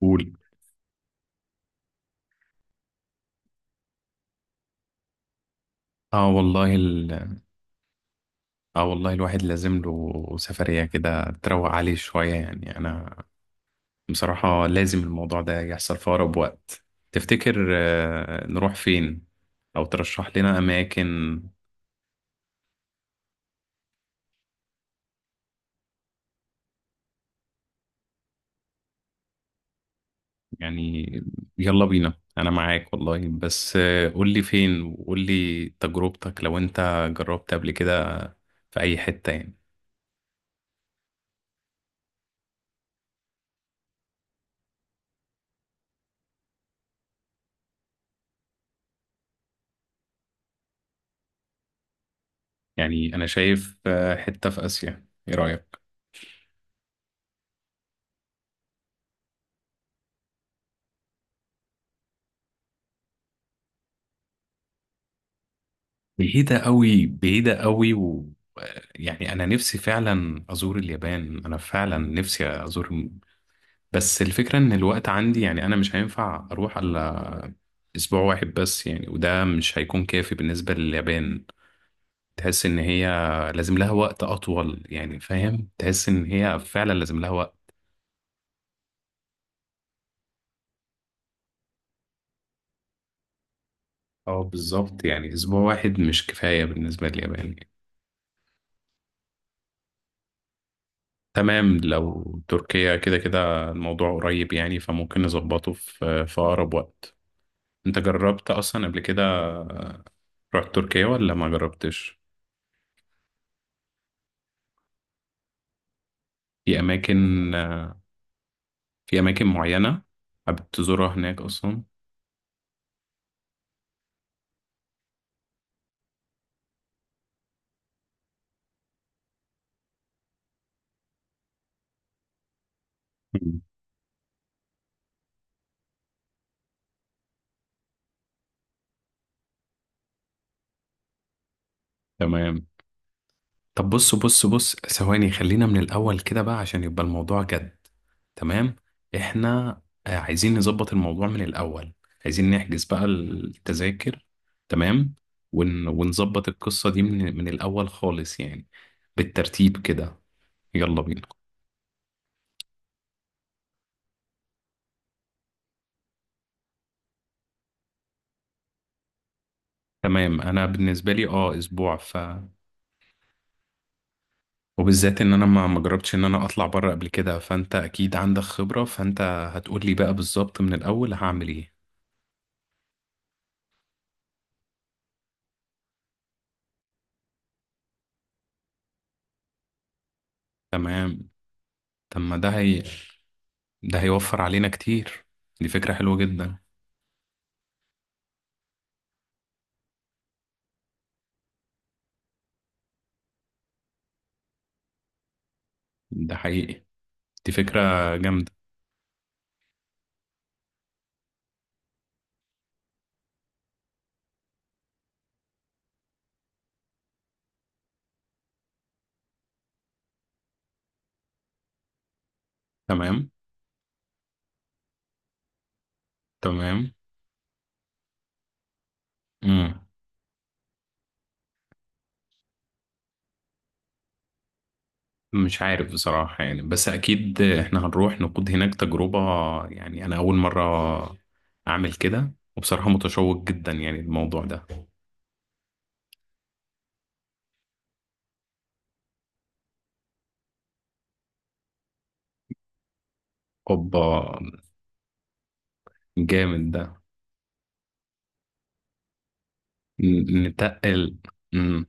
قول. اه والله ال... اه والله الواحد لازم له سفرية كده تروق عليه شوية، يعني انا بصراحة لازم الموضوع ده يحصل في اقرب وقت. تفتكر نروح فين؟ او ترشح لنا اماكن؟ يعني يلا بينا، انا معاك والله، بس قول لي فين وقول لي تجربتك لو انت جربت قبل كده في اي حتة يعني. يعني انا شايف حتة في اسيا، ايه رأيك؟ بعيدة قوي، بعيدة قوي، و يعني أنا نفسي فعلا أزور اليابان، أنا فعلا نفسي أزور. بس الفكرة إن الوقت عندي، يعني أنا مش هينفع أروح إلا أسبوع واحد بس يعني، وده مش هيكون كافي بالنسبة لليابان. تحس إن هي لازم لها وقت أطول يعني، فاهم؟ تحس إن هي فعلا لازم لها وقت. اه بالظبط، يعني أسبوع واحد مش كفاية بالنسبة لليابان يعني. تمام، لو تركيا كده كده الموضوع قريب يعني، فممكن نظبطه في أقرب وقت. انت جربت اصلا قبل كده؟ رحت تركيا ولا ما جربتش؟ في اماكن في اماكن معينة؟ حابب تزورها هناك اصلا؟ مم. تمام. طب بص بص بص ثواني، خلينا من الاول كده بقى عشان يبقى الموضوع جد. تمام، احنا عايزين نظبط الموضوع من الاول، عايزين نحجز بقى التذاكر، تمام، ونظبط القصة دي من الاول خالص، يعني بالترتيب كده. يلا بينا. تمام، انا بالنسبه لي اسبوع ف. وبالذات ان انا ما جربتش ان انا اطلع بره قبل كده، فانت اكيد عندك خبره، فانت هتقول لي بقى بالظبط من الاول هعمل ايه. تمام. طب ما ده هي، ده هيوفر علينا كتير، دي فكره حلوه جدا. ده حقيقي، دي فكره جامده. تمام. تمام. امم مش عارف بصراحه يعني، بس اكيد احنا هنروح نقود هناك تجربه، يعني انا اول مره اعمل كده وبصراحه متشوق جدا يعني الموضوع ده. اوبا، جامد ده. نتقل. امم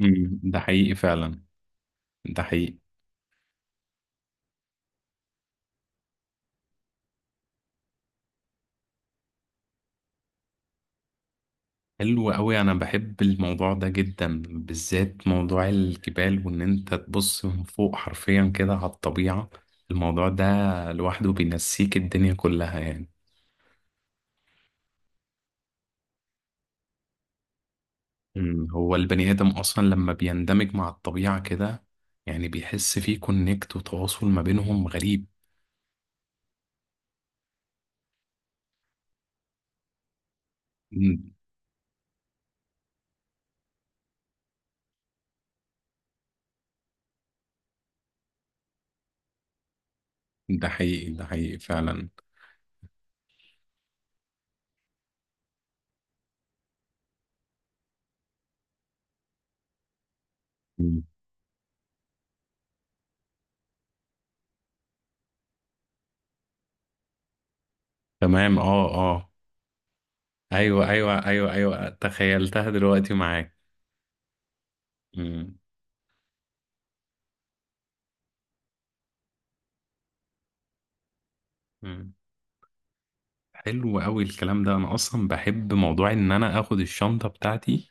أمم. ده حقيقي فعلا. ده حقيقي. حلو قوي، انا بحب الموضوع ده جدا، بالذات موضوع الجبال وان انت تبص من فوق حرفيا كده على الطبيعة. الموضوع ده لوحده بينسيك الدنيا كلها يعني. أمم. هو البني ادم اصلا لما بيندمج مع الطبيعة كده، يعني بيحس فيه كونكت وتواصل ما بينهم غريب. أمم. ده حقيقي، ده حقيقي فعلا. أمم. تمام. اه، اه. ايوه، ايوه، ايوه، ايوه، تخيلتها دلوقتي معاك. مم. مم. حلو قوي الكلام ده، انا اصلا بحب موضوع ان انا اخد الشنطه بتاعتي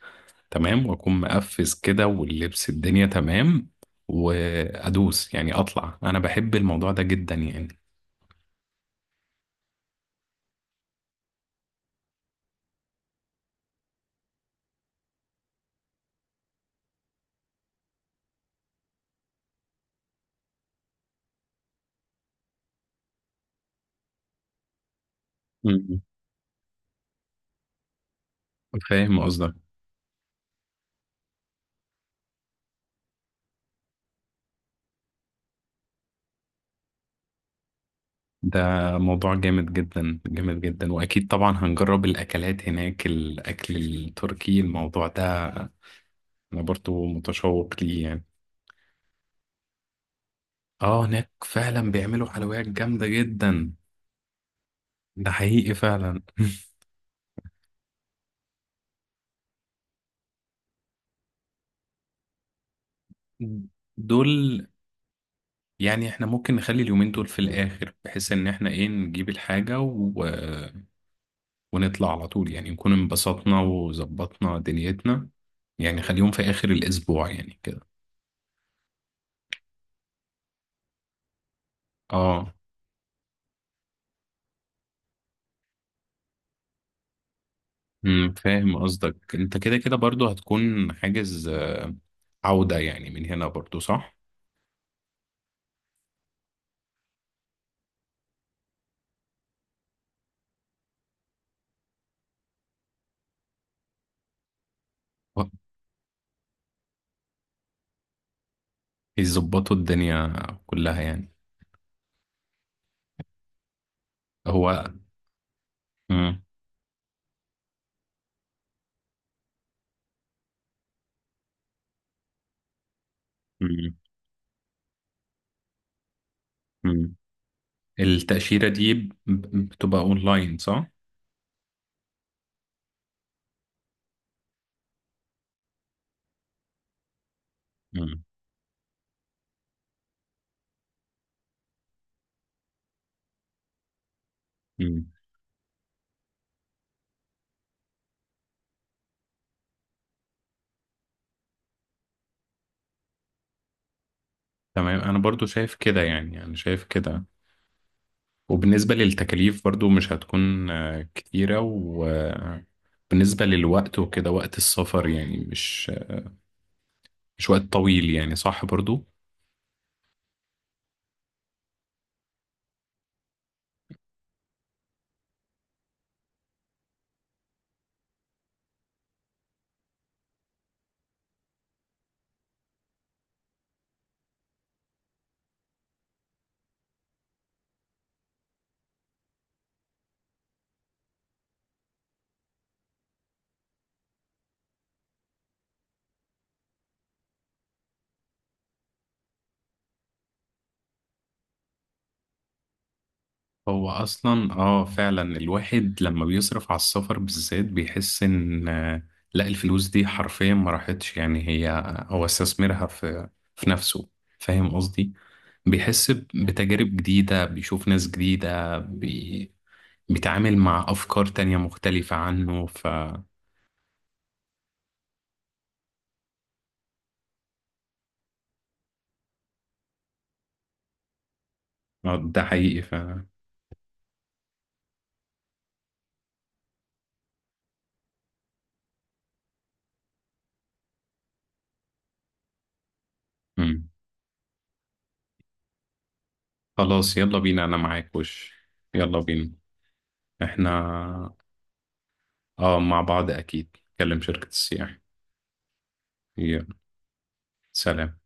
تمام، واكون مقفز كده واللبس الدنيا تمام، وادوس، يعني اطلع. انا بحب الموضوع ده جدا يعني. مم. فاهم قصدك. ده موضوع جامد جدا، جامد جدا. واكيد طبعا هنجرب الاكلات هناك، الاكل التركي الموضوع ده، انا برضو متشوق ليه يعني. اه، هناك فعلا بيعملوا حلويات جامدة جدا. ده حقيقي فعلا. دول. يعني احنا ممكن نخلي اليومين دول في الآخر، بحيث ان احنا ايه نجيب الحاجة ونطلع على طول، يعني نكون انبسطنا وظبطنا دنيتنا، يعني خليهم في آخر الأسبوع يعني كده. اه. فاهم قصدك. انت كده كده برضو هتكون حاجز عودة يعني، من هنا برضو صح؟ يظبطوا الدنيا كلها يعني، هو. مم. مم. مم. التأشيرة دي بتبقى اونلاين صح؟ مم. مم. تمام، انا برضو شايف كده، يعني انا شايف كده. وبالنسبة للتكاليف برضو مش هتكون كتيرة، وبالنسبة للوقت وكده وقت السفر، يعني مش وقت طويل يعني، صح برضو. هو اصلا فعلا الواحد لما بيصرف على السفر بالذات بيحس ان لا، الفلوس دي حرفيا ما راحتش، يعني هي هو استثمرها في نفسه. فاهم قصدي؟ بيحس بتجارب جديدة، بيشوف ناس جديدة، بيتعامل مع أفكار تانية مختلفة عنه، ف ده حقيقي ف. مم. خلاص يلا بينا، أنا معاك، يلا بينا. احنا اه مع بعض أكيد، كلم شركة السياحة. يلا، سلام.